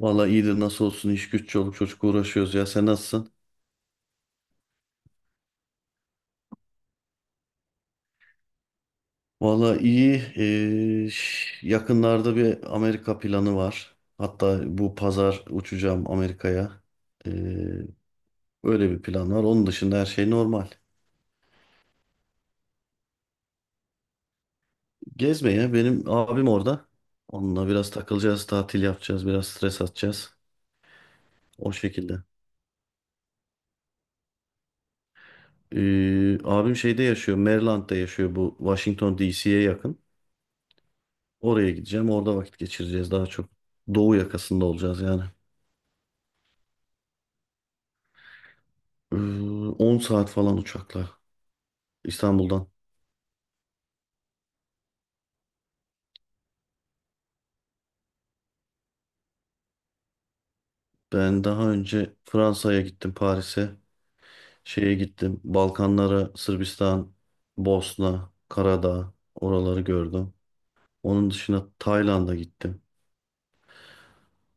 Valla iyidir nasıl olsun iş güç çoluk çocuk uğraşıyoruz ya sen nasılsın? Valla iyi. Yakınlarda bir Amerika planı var. Hatta bu pazar uçacağım Amerika'ya. Ee, öyle bir plan var. Onun dışında her şey normal. Gezmeye benim abim orada. Onunla biraz takılacağız, tatil yapacağız, biraz stres atacağız. O şekilde. Abim şeyde yaşıyor, Maryland'da yaşıyor bu Washington DC'ye yakın. Oraya gideceğim, orada vakit geçireceğiz daha çok. Doğu yakasında olacağız yani. Ee, 10 saat falan uçakla İstanbul'dan. Ben daha önce Fransa'ya gittim, Paris'e. Şeye gittim, Balkanlara, Sırbistan, Bosna, Karadağ, oraları gördüm. Onun dışında Tayland'a gittim.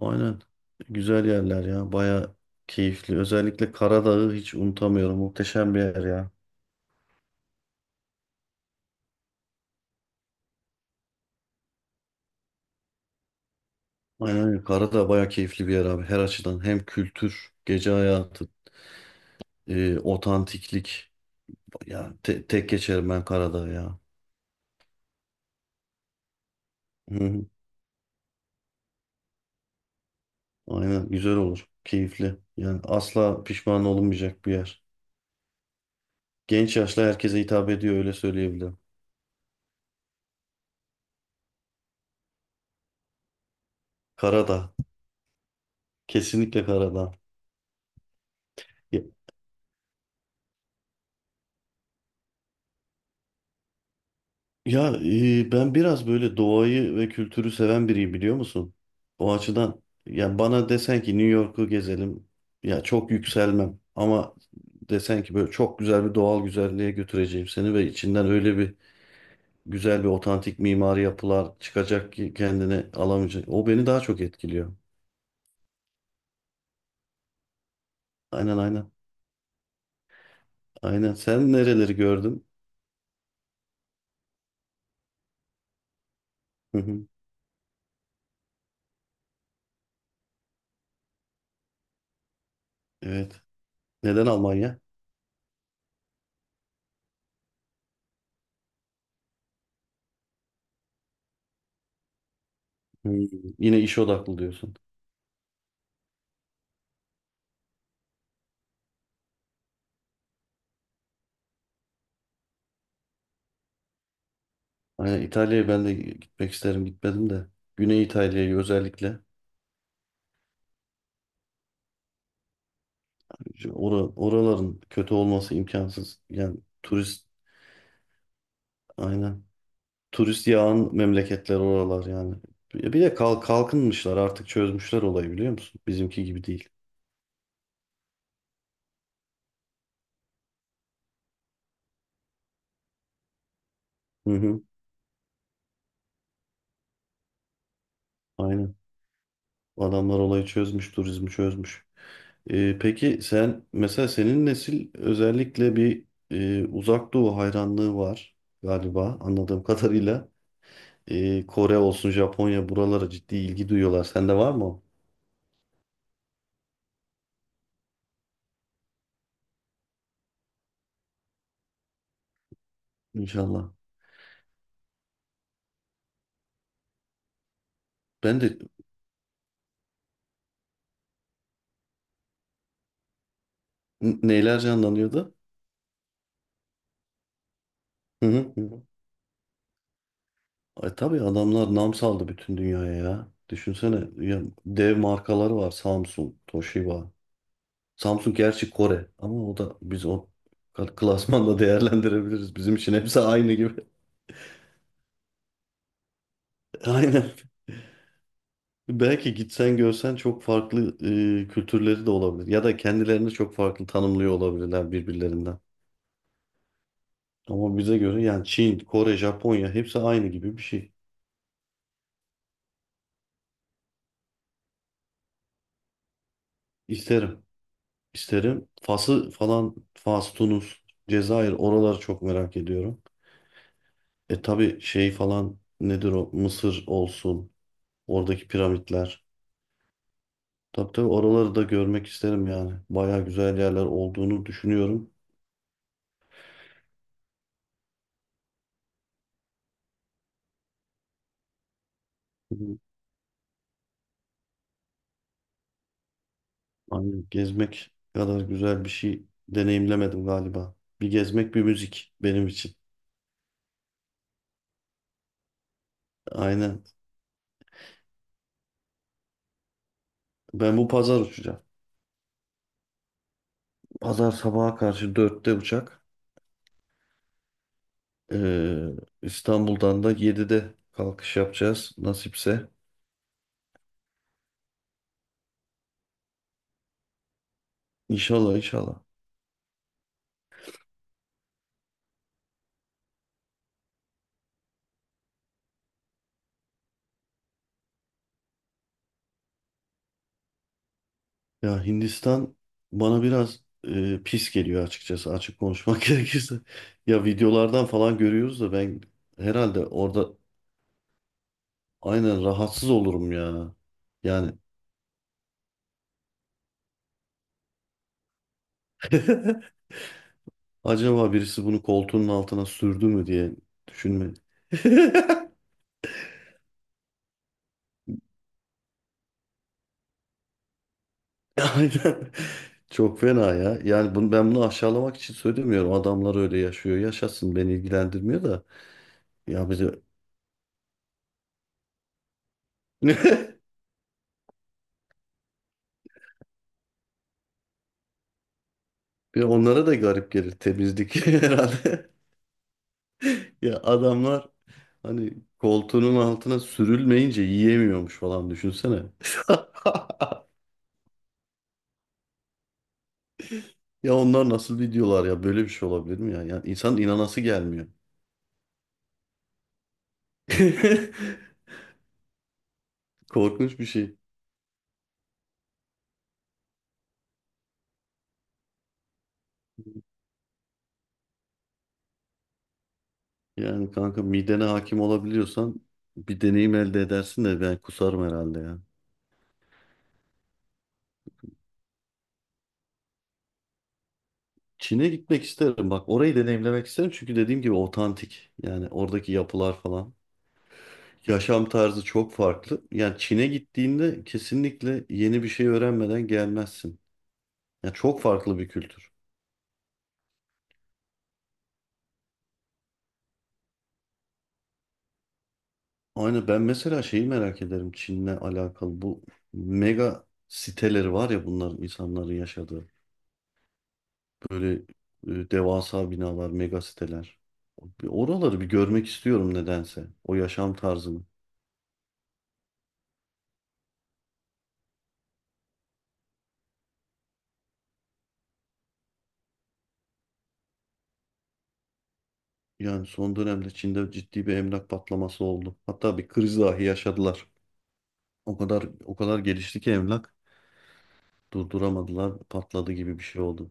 Aynen. Güzel yerler ya, baya keyifli. Özellikle Karadağ'ı hiç unutamıyorum. Muhteşem bir yer ya. Aynen öyle. Karadağ baya keyifli bir yer abi. Her açıdan hem kültür, gece hayatı, otantiklik. Ya tek geçerim ben Karadağ ya. Hı hı. Aynen güzel olur. Keyifli. Yani asla pişman olunmayacak bir yer. Genç yaşlı herkese hitap ediyor öyle söyleyebilirim. Karadağ. Kesinlikle Karadağ. Ya, ya, ben biraz böyle doğayı ve kültürü seven biriyim biliyor musun? O açıdan yani bana desen ki New York'u gezelim. Ya çok yükselmem ama desen ki böyle çok güzel bir doğal güzelliğe götüreceğim seni ve içinden öyle bir güzel bir otantik mimari yapılar çıkacak ki kendine alamayacak. O beni daha çok etkiliyor. Aynen aynen. Aynen. Sen nereleri gördün? Hı hı. Evet. Neden Almanya? Hı. Yine iş odaklı diyorsun. Aynen İtalya'ya ben de gitmek isterim. Gitmedim de. Güney İtalya'yı özellikle. Şu oraların kötü olması imkansız. Yani turist aynen. Turist yağan memleketler oralar yani. Bir de kalkınmışlar artık çözmüşler olayı biliyor musun? Bizimki gibi değil. Hı hı. Aynen. Adamlar olayı çözmüş, turizmi çözmüş. Peki sen mesela senin nesil özellikle bir uzak doğu hayranlığı var galiba anladığım kadarıyla. Kore olsun, Japonya buralara ciddi ilgi duyuyorlar. Sende var mı? O? İnşallah. Ben de neyler canlanıyordu? Hı hı hı. Hı. Ay, tabii adamlar nam saldı bütün dünyaya ya. Düşünsene ya, dev markalar var. Samsung, Toshiba. Samsung gerçi Kore ama o da biz o klasmanda değerlendirebiliriz. Bizim için hepsi aynı gibi. Aynen. Belki gitsen görsen çok farklı kültürleri de olabilir. Ya da kendilerini çok farklı tanımlıyor olabilirler birbirlerinden. Ama bize göre yani Çin, Kore, Japonya hepsi aynı gibi bir şey. İsterim. İsterim. Fas'ı falan, Fas, Tunus, Cezayir oraları çok merak ediyorum. E tabii şey falan nedir o? Mısır olsun. Oradaki piramitler. Tabii tabii oraları da görmek isterim yani. Baya güzel yerler olduğunu düşünüyorum. Hı. Hı. Hani gezmek kadar güzel bir şey deneyimlemedim galiba. Bir gezmek bir müzik benim için. Aynen. Ben bu pazar uçacağım. Pazar sabaha karşı 4'te uçak. Ee, İstanbul'dan da 7'de kalkış yapacağız nasipse. İnşallah inşallah. Ya Hindistan bana biraz pis geliyor açıkçası açık konuşmak gerekirse. Ya videolardan falan görüyoruz da ben herhalde orada aynen rahatsız olurum ya. Yani acaba birisi bunu koltuğunun altına sürdü mü diye düşünme. Aynen. Çok fena ya. Yani ben bunu aşağılamak için söylemiyorum. Adamlar öyle yaşıyor. Yaşasın beni ilgilendirmiyor da. Ya bize bir onlara da garip gelir temizlik herhalde. Ya adamlar hani koltuğunun altına sürülmeyince yiyemiyormuş falan düşünsene. Ya onlar nasıl videolar ya böyle bir şey olabilir mi ya? Yani insan inanası gelmiyor. Korkunç bir şey. Yani kanka midene hakim olabiliyorsan bir deneyim elde edersin de ben kusarım herhalde ya. Çin'e gitmek isterim. Bak orayı deneyimlemek isterim çünkü dediğim gibi otantik. Yani oradaki yapılar falan. Yaşam tarzı çok farklı. Yani Çin'e gittiğinde kesinlikle yeni bir şey öğrenmeden gelmezsin. Ya çok farklı bir kültür. Aynı ben mesela şeyi merak ederim Çin'le alakalı bu mega siteleri var ya bunların insanların yaşadığı. Böyle devasa binalar, mega siteler. Oraları bir görmek istiyorum nedense. O yaşam tarzını. Yani son dönemde Çin'de ciddi bir emlak patlaması oldu. Hatta bir kriz dahi yaşadılar. O kadar gelişti ki emlak durduramadılar, patladı gibi bir şey oldu.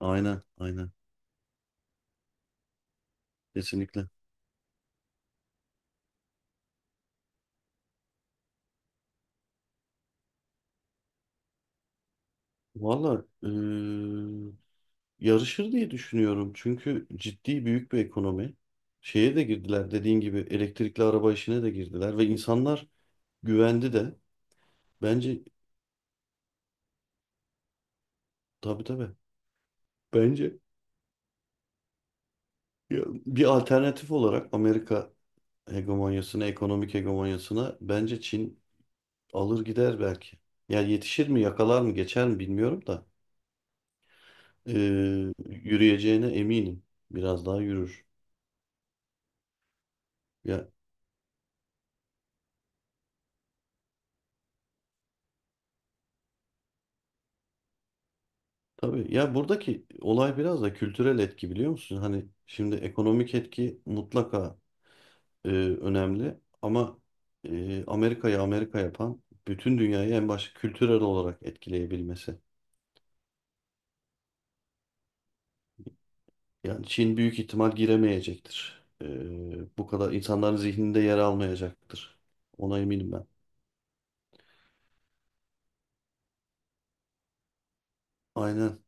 Aynen, aynen. Kesinlikle. Valla yarışır diye düşünüyorum. Çünkü ciddi büyük bir ekonomi. Şeye de girdiler dediğin gibi elektrikli araba işine de girdiler ve insanlar güvendi de. Bence tabii tabii. Bence ya, bir alternatif olarak Amerika hegemonyasına, ekonomik hegemonyasına bence Çin alır gider belki. Yani yetişir mi, yakalar mı, geçer mi bilmiyorum da ee, yürüyeceğine eminim. Biraz daha yürür. Tabii ya buradaki olay biraz da kültürel etki biliyor musun? Hani şimdi ekonomik etki mutlaka önemli ama Amerika'yı Amerika yapan bütün dünyayı en başta kültürel olarak etkileyebilmesi. Yani Çin büyük ihtimal giremeyecektir. Bu kadar insanların zihninde yer almayacaktır. Ona eminim ben. Aynen,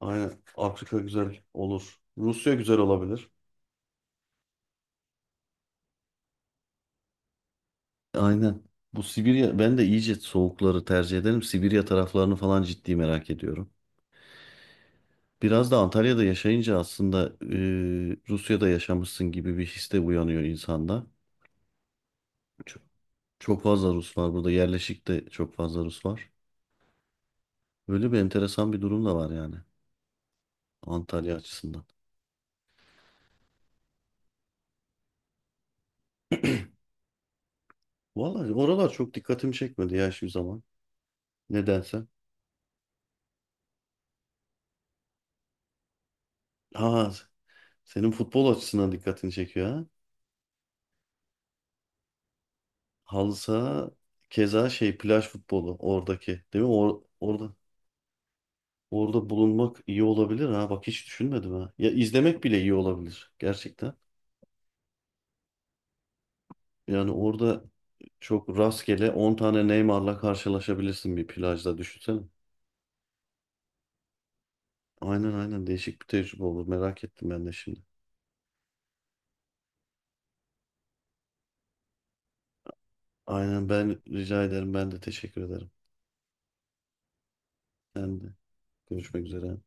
aynen. Afrika güzel olur. Rusya güzel olabilir. Aynen. Bu Sibirya, ben de iyice soğukları tercih ederim. Sibirya taraflarını falan ciddi merak ediyorum. Biraz da Antalya'da yaşayınca aslında Rusya'da yaşamışsın gibi bir his de uyanıyor insanda. Çok, çok fazla Rus var burada. Yerleşik de çok fazla Rus var. Öyle bir enteresan bir durum da var yani Antalya açısından. Vallahi oralar çok dikkatimi çekmedi ya şu zaman. Nedense. Ha, senin futbol açısından dikkatini çekiyor ha. Halı saha keza şey plaj futbolu oradaki değil mi? Orada bulunmak iyi olabilir ha. Bak hiç düşünmedim ha. Ya izlemek bile iyi olabilir gerçekten. Yani orada çok rastgele 10 tane Neymar'la karşılaşabilirsin bir plajda düşünsene. Aynen aynen değişik bir tecrübe olur. Merak ettim ben de şimdi. Aynen ben rica ederim. Ben de teşekkür ederim. Ben de. Görüşmek üzere.